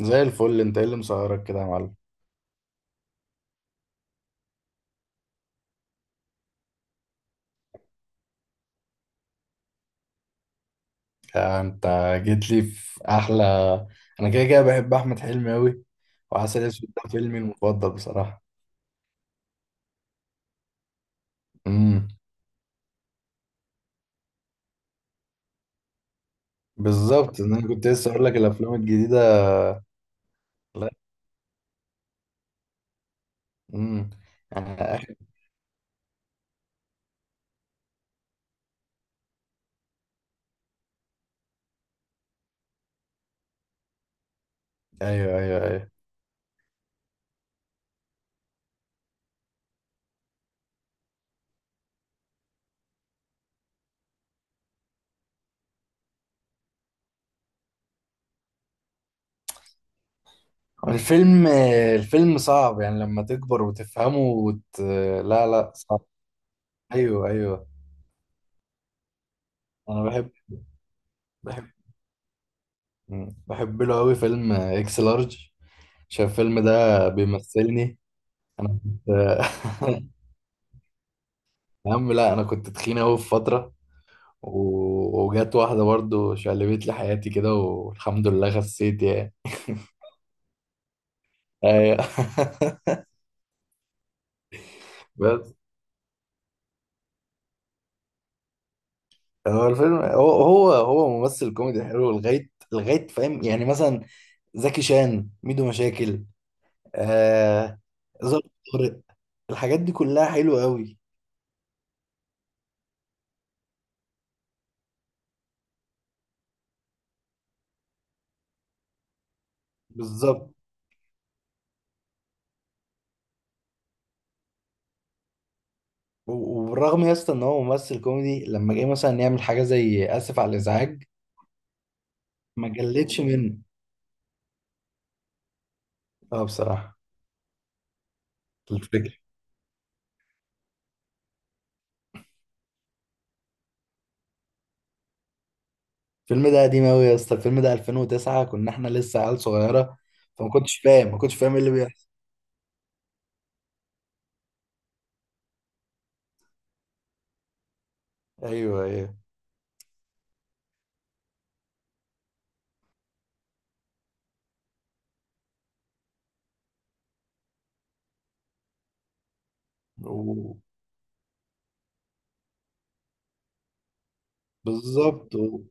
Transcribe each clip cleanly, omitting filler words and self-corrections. زي الفل، انت ايه اللي مسهرك كده يا معلم؟ انت جيت لي في احلى. انا كده كده بحب احمد حلمي قوي، وعسل اسود ده فيلمي المفضل بصراحه. امم بالظبط، ان انا كنت لسه اقول لك الافلام الجديده. لا. امم يعني آخر- ايوه، ايوه، ايوه. الفيلم الفيلم صعب يعني لما تكبر وتفهمه لا لا، صعب. ايوه ايوه. انا بحب، بحب. مم. بحب له قوي فيلم اكس لارج، عشان الفيلم ده بيمثلني. انا كنت. يا عم لا، انا كنت تخين اوي في فتره و... وجت واحده برضو شقلبت لي حياتي كده، والحمد لله خسيت يعني. أيوة. بس هو الفيلم، هو ممثل كوميدي حلو لغايه لغايه، فاهم؟ يعني مثلا زكي، شان، ميدو مشاكل، آه، ظرف، طارق، الحاجات دي كلها حلوه قوي. بالظبط. وبالرغم يا اسطى ان هو ممثل كوميدي، لما جه مثلا يعمل حاجه زي اسف على الازعاج، ما جلتش منه. اه بصراحه. الفكره. الفيلم ده قديم أوي يا اسطى، الفيلم ده 2009، كنا احنا لسه عيال صغيرة، فما كنتش فاهم، ما كنتش فاهم ايه اللي بيحصل. ايوه ايوه. و- بالظبط.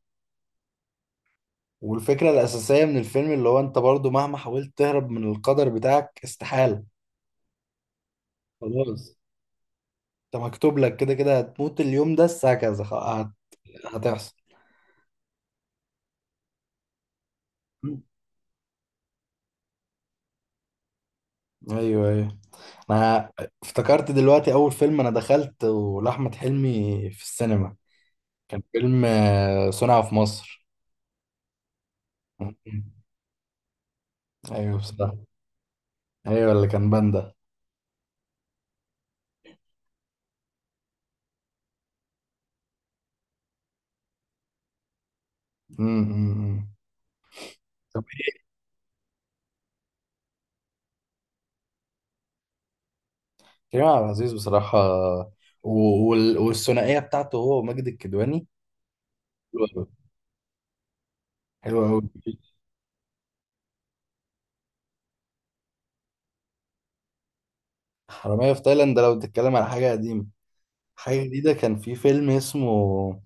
والفكرة الأساسية من الفيلم اللي هو انت برضو مهما حاولت تهرب من القدر بتاعك، استحالة. خلاص، انت مكتوب لك كده كده هتموت اليوم ده الساعة كذا، هتحصل. ايوه ايوه. انا افتكرت دلوقتي اول فيلم انا دخلت لاحمد حلمي في السينما، كان فيلم صنع في مصر. ايوه بصراحه، ايوه اللي كان باندا. امم. طب ايه؟ كريم عبد العزيز بصراحه. والثنائيه بتاعته هو وماجد الكدواني، حلوه قوي، حلوه قوي. حراميه في تايلاند ده لو بتتكلم على حاجه قديمه. حاجه جديده كان في فيلم اسمه،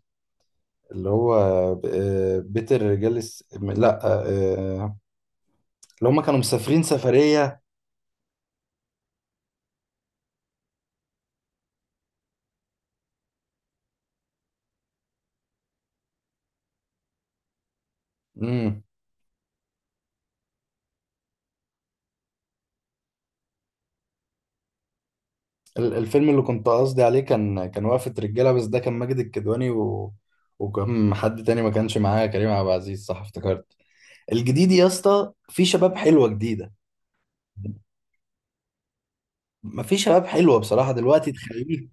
اللي هو، بيت الرجال لا، آه، اللي هم كانوا مسافرين سفريه. امم. الفيلم اللي كنت قصدي عليه كان، كان وقفه رجاله، بس ده كان ماجد الكدواني وكان حد تاني ما كانش معاه كريم عبد العزيز، صح افتكرت. الجديد يا اسطى في شباب حلوه جديده، ما في شباب حلوه بصراحه دلوقتي تخليك.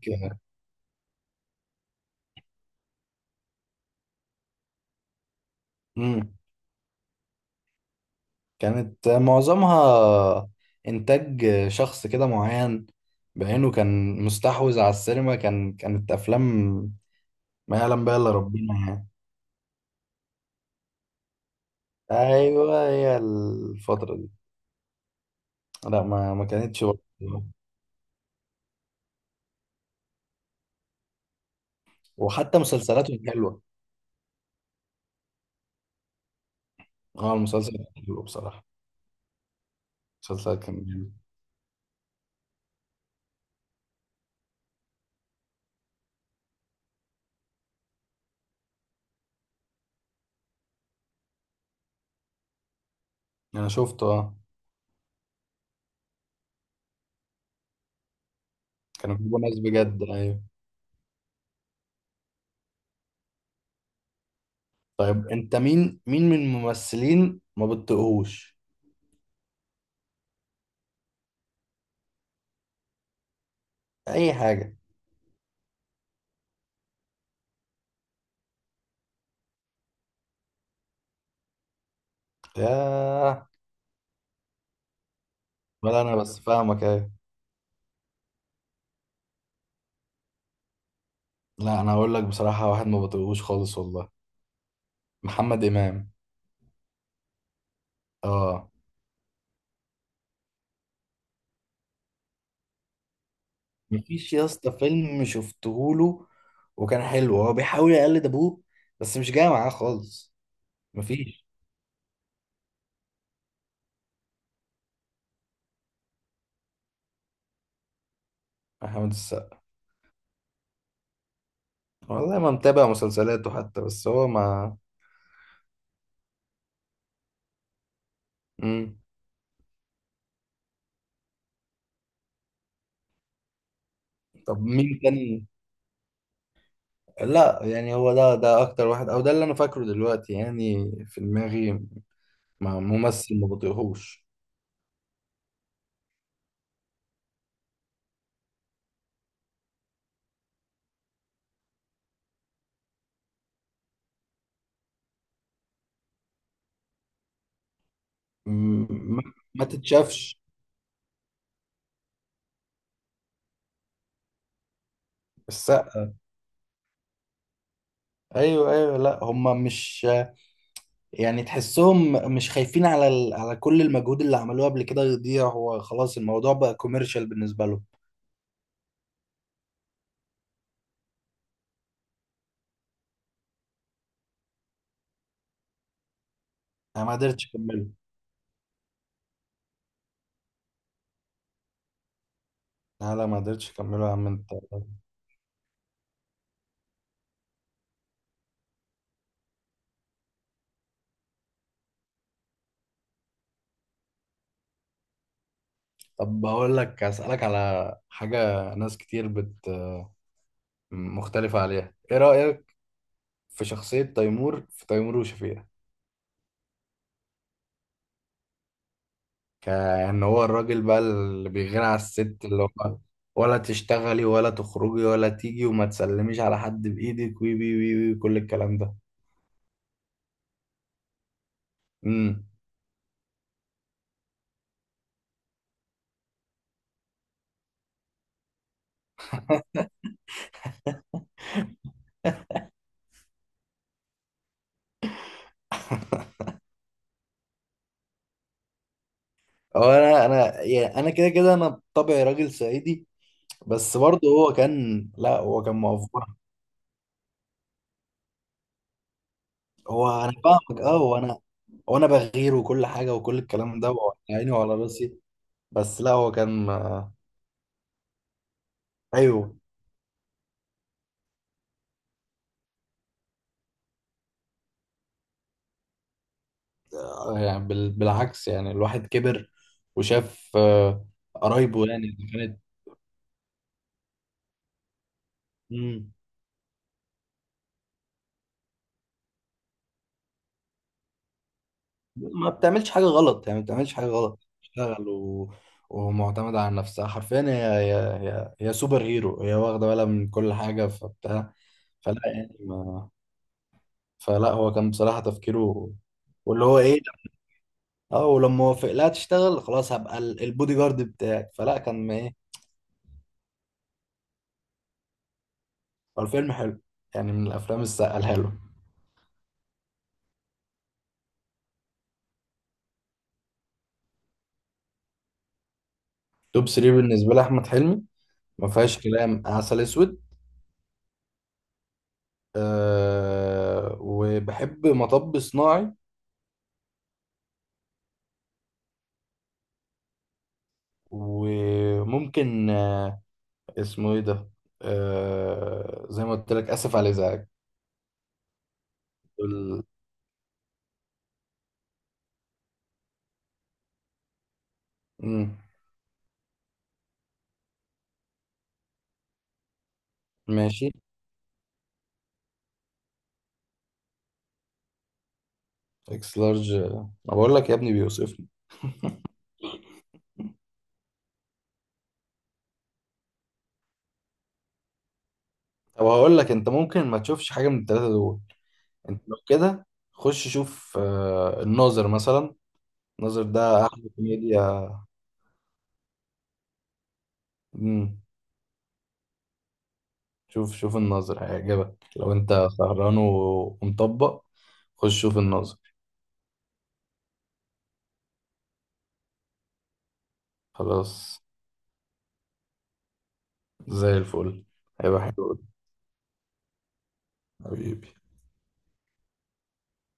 امم. كانت معظمها انتاج شخص كده معين بعينه، كان مستحوذ على السينما، كان كانت افلام ما يعلم بها الا ربنا يعني. ايوه هي الفتره دي. لا، ما ما كانتش برضه. وحتى مسلسلاته كانت حلوه. اه المسلسل كان حلو بصراحه. المسلسل كان جامد. انا شفته اه. كانوا بيجيبوا ناس بجد، ايوه. طيب انت مين، مين من الممثلين ما بتطيقهوش؟ اي حاجه. ياه. ولا انا، بس فاهمك، ايه؟ لا انا هقول لك بصراحه، واحد ما بطيقهوش خالص والله، محمد امام. اه. مفيش يا اسطى فيلم شفتهوله وكان حلو، هو بيحاول يقلد ابوه بس مش جاي معاه خالص. مفيش. محمد السقا. والله ما متابع مسلسلاته حتى، بس هو ما. مم. طب مين تاني؟ لا يعني هو ده، ده اكتر واحد او ده اللي انا فاكره دلوقتي يعني في دماغي. ما ممثل ما بطيقهوش. م- ما ما تتشافش. السقا، ايوه ايوه. لا هم مش، يعني تحسهم مش خايفين على على كل المجهود اللي عملوه قبل كده يضيع، هو خلاص الموضوع بقى كوميرشال بالنسبه له. انا ما قدرتش اكمله. لا لا، ما قدرتش اكمله يا عم انت. طب بقول لك، اسالك على حاجه. ناس كتير بت، مختلفه عليها، ايه رايك في شخصيه تيمور في تيمور وشفيقة؟ كان هو الراجل بقى اللي بيغني على الست اللي هو، ولا تشتغلي ولا تخرجي ولا تيجي وما تسلميش على حد بإيدك، وي وي وي وي، كل الكلام ده. امم. هو انا، انا يعني انا كده كده انا بطبعي راجل صعيدي، بس برضه هو كان، لا هو كان مأفور. هو انا فاهمك اه، وانا، وانا بغير وكل حاجه وكل الكلام ده وعلى عيني وعلى راسي، بس لا هو كان. ايوه. يعني بالعكس، يعني الواحد كبر وشاف قرايبه يعني. مم. ما بتعملش حاجة غلط، يعني ما بتعملش حاجة غلط، بتشتغل ومعتمدة على نفسها حرفيا. هي, هي سوبر هيرو، هي واخدة بالها من كل حاجة فبتاع. فلا يعني ما... فلا هو كان بصراحة تفكيره، واللي هو ايه، اه، ولما وافق لها تشتغل خلاص هبقى البودي جارد بتاعك، فلا كان ما ايه. هو الفيلم حلو، يعني من الافلام السقالها له. توب 3 بالنسبة لأحمد حلمي، ما فيهاش كلام عسل اسود، أه وبحب مطب صناعي، وممكن اسمه ايه ده، زي ما قلت لك، اسف على الازعاج. ال-، مم، ماشي. اكس لارج ما بقول لك، يا ابني بيوصفني. طب هقول لك، انت ممكن ما تشوفش حاجه من الثلاثه دول. انت لو كده خش شوف الناظر مثلا، الناظر ده احلى كوميديا. مم، شوف شوف الناظر، هيعجبك لو انت سهران ومطبق. خش شوف الناظر. خلاص، زي الفل، هيبقى حلو أوي. حبيبي.